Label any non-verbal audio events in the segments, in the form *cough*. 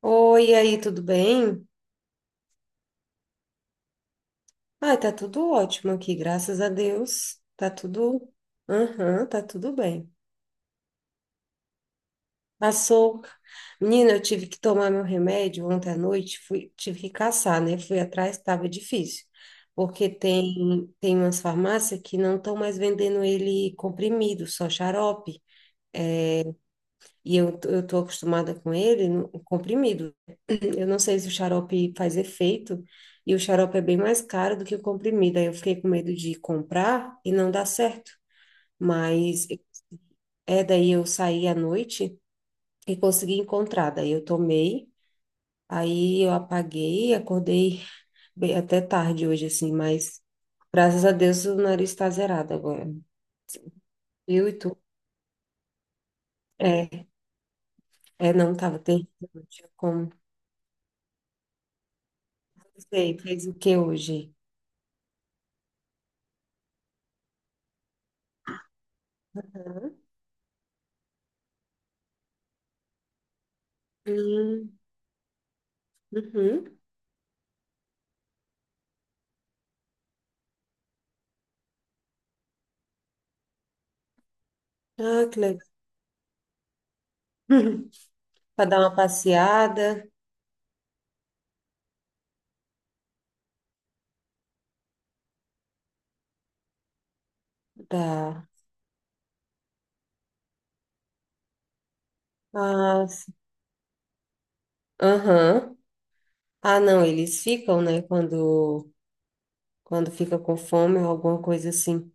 Oi, e aí, tudo bem? Ai, tá tudo ótimo aqui, graças a Deus. Tá tudo. Aham, tá tudo bem. Passou. Menina, eu tive que tomar meu remédio ontem à noite, fui, tive que caçar, né? Fui atrás, estava difícil. Porque tem umas farmácias que não estão mais vendendo ele comprimido, só xarope. E eu tô acostumada com ele comprimido. Eu não sei se o xarope faz efeito, e o xarope é bem mais caro do que o comprimido. Aí eu fiquei com medo de comprar e não dar certo. Mas é daí eu saí à noite e consegui encontrar. Daí eu tomei, aí eu apaguei, acordei até tarde hoje, assim, mas graças a Deus o nariz está zerado agora. Eu e tu? É, é, não tava terrível, não tinha como. Não sei, fez o que hoje? Hum, uhum. Ah, que legal. *laughs* Para dar uma passeada, dá. Ah, sim. Aham. Ah, não, eles ficam, né? Quando fica com fome ou alguma coisa assim.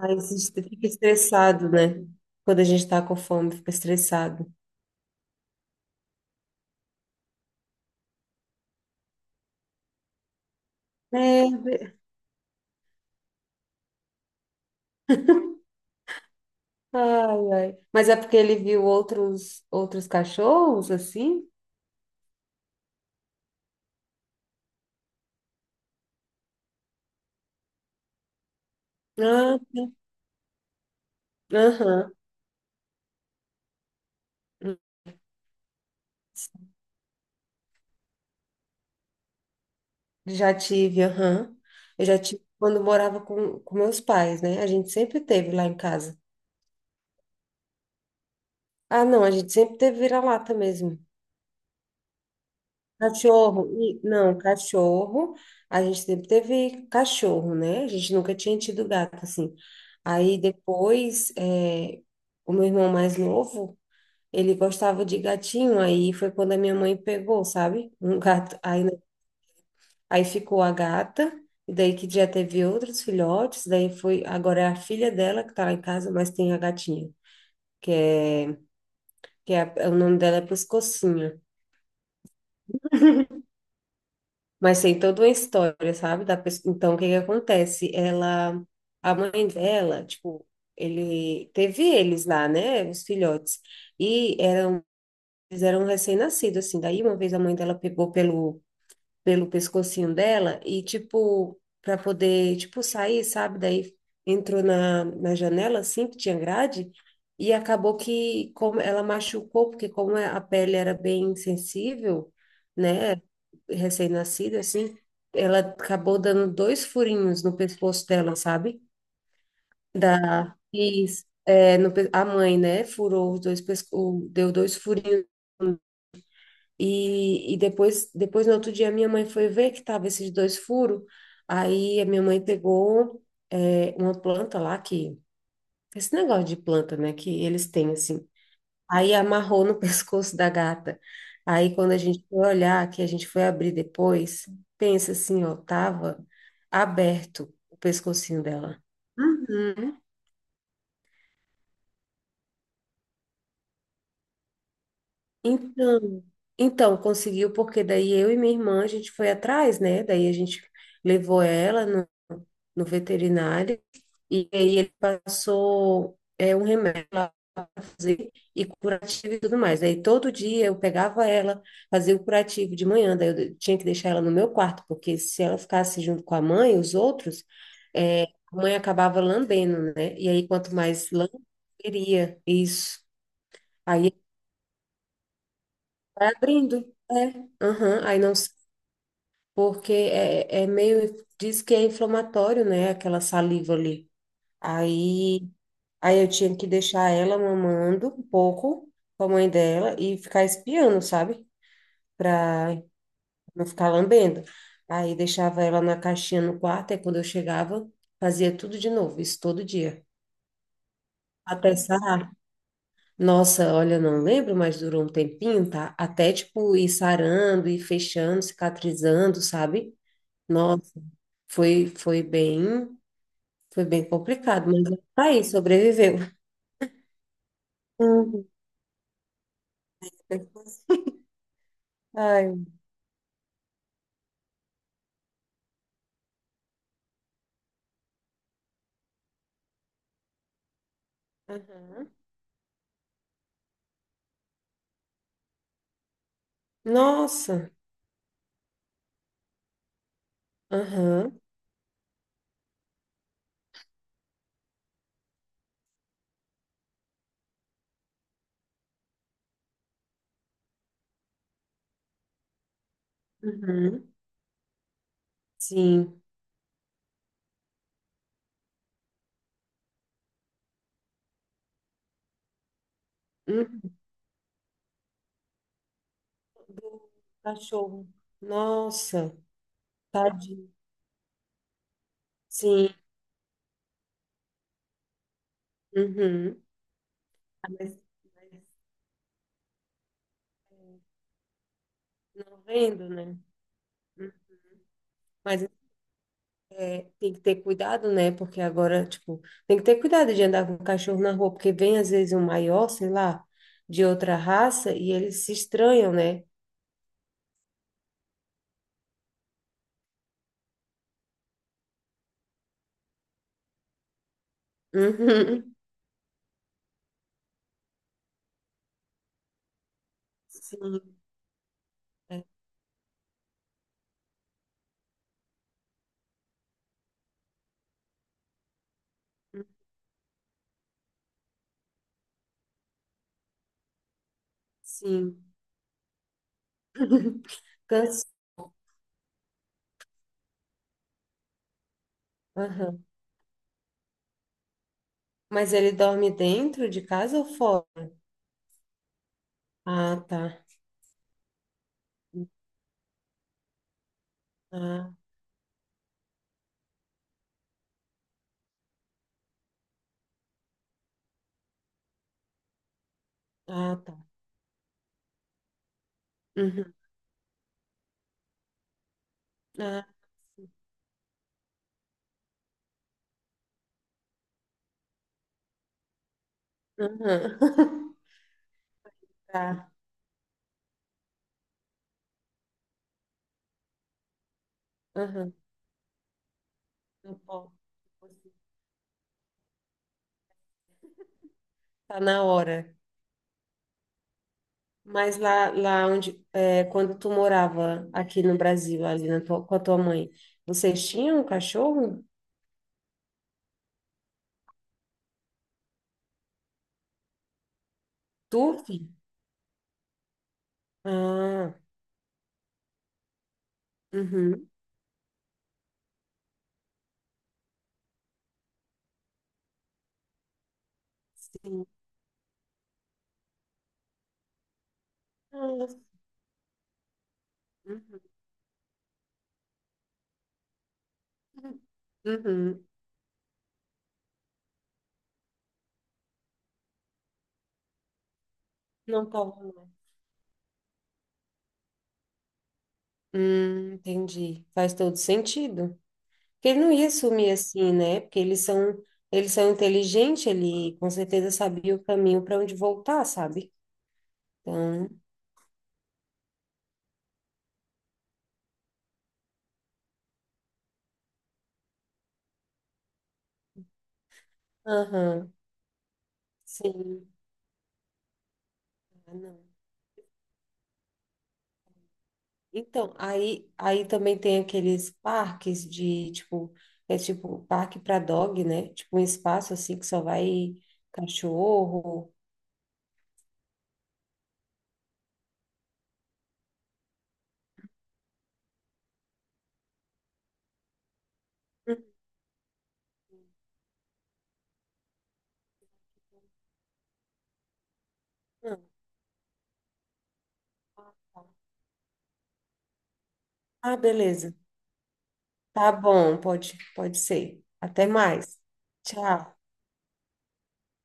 Aí se fica estressado, né? Quando a gente tá com fome, fica estressado. É, ai, ai. Mas é porque ele viu outros cachorros, assim? Ah, aham. Já tive, aham. Eu já tive quando morava com meus pais, né? A gente sempre teve lá em casa. Ah, não, a gente sempre teve vira-lata mesmo. Cachorro, e, não, cachorro, a gente sempre teve cachorro, né? A gente nunca tinha tido gato, assim. Aí depois, o meu irmão mais novo, ele gostava de gatinho, aí foi quando a minha mãe pegou, sabe? Um gato, aí, né, aí ficou a gata, e daí que já teve outros filhotes, daí foi, agora é a filha dela que tá lá em casa, mas tem a gatinha, que é o nome dela é Pescocinho. Mas tem toda uma história, sabe? Da pessoa. Então, o que que acontece? Ela, a mãe dela, tipo, ele teve eles lá, né? Os filhotes. E era- eles eram recém-nascidos, assim. Daí, uma vez a mãe dela pegou pelo pescocinho dela e, tipo, para poder, tipo, sair, sabe? Daí entrou na janela, assim, que tinha grade, e acabou que como ela machucou, porque como é, a pele era bem sensível, né? Recém-nascida, assim, ela acabou dando dois furinhos no pescoço dela, sabe? Da, e, é, no pe- a mãe, né? Furou os dois, deu dois furinhos e depois, no outro dia, minha mãe foi ver que tava esses dois furos. Aí a minha mãe pegou uma planta lá que. Esse negócio de planta, né? Que eles têm, assim. Aí amarrou no *laughs* pescoço da gata. Aí quando a gente foi olhar, que a gente foi abrir depois, pensa assim, ó, tava aberto o pescocinho dela. Uhum. Então, então, conseguiu, porque daí eu e minha irmã, a gente foi atrás, né? Daí a gente levou ela no veterinário e aí ele passou um remédio lá pra fazer e curativo e tudo mais. Aí todo dia eu pegava ela, fazia o curativo de manhã, daí eu tinha que deixar ela no meu quarto, porque se ela ficasse junto com a mãe, os outros, a mãe acabava lambendo, né? E aí quanto mais lambe, queria isso. Vai abrindo. É. Aham. Aí não sei, porque é meio, diz que é inflamatório, né? Aquela saliva ali. Aí, aí, eu tinha que deixar ela mamando um pouco com a mãe dela e ficar espiando, sabe? Pra não ficar lambendo. Aí deixava ela na caixinha no quarto, aí quando eu chegava, fazia tudo de novo, isso todo dia. Até sarar. Nossa, olha, não lembro, mas durou um tempinho, tá? Até, tipo, ir sarando, ir fechando, cicatrizando, sabe? Nossa, foi, foi bem, foi bem complicado, mas tá aí, sobreviveu. Uhum. Ai, aham. Nossa, aham, uhum. Sim, uhum. Do cachorro, nossa, tadinho, sim, uhum. Ah, mas não vendo, né? Mas tem que ter cuidado, né? Porque agora, tipo, tem que ter cuidado de andar com cachorro na rua, porque vem às vezes um maior, sei lá, de outra raça e eles se estranham, né? Uhum. Sim, é. Sim. *laughs* Canso. Aham. Mas ele dorme dentro de casa ou fora? Ah, tá. Ah, ah, tá. Uhum. Ah, aham. *laughs* Tá. Aham. Tá bom. Tá na hora. Mas lá onde, quando tu morava aqui no Brasil, ali com a tua mãe, vocês tinham um cachorro? Turf? Ah, uhum, sim. Nossa, uhum. Uhum. Não tava lá. Entendi. Faz todo sentido. Porque ele não ia sumir assim, né? Porque eles são inteligentes, ele com certeza sabia o caminho para onde voltar, sabe? Então, aham, sim. Ah, não. Então, aí também tem aqueles parques de, tipo, é tipo parque para dog, né? Tipo um espaço assim que só vai cachorro. Uhum. Ah, beleza. Tá bom, pode ser. Até mais. Tchau.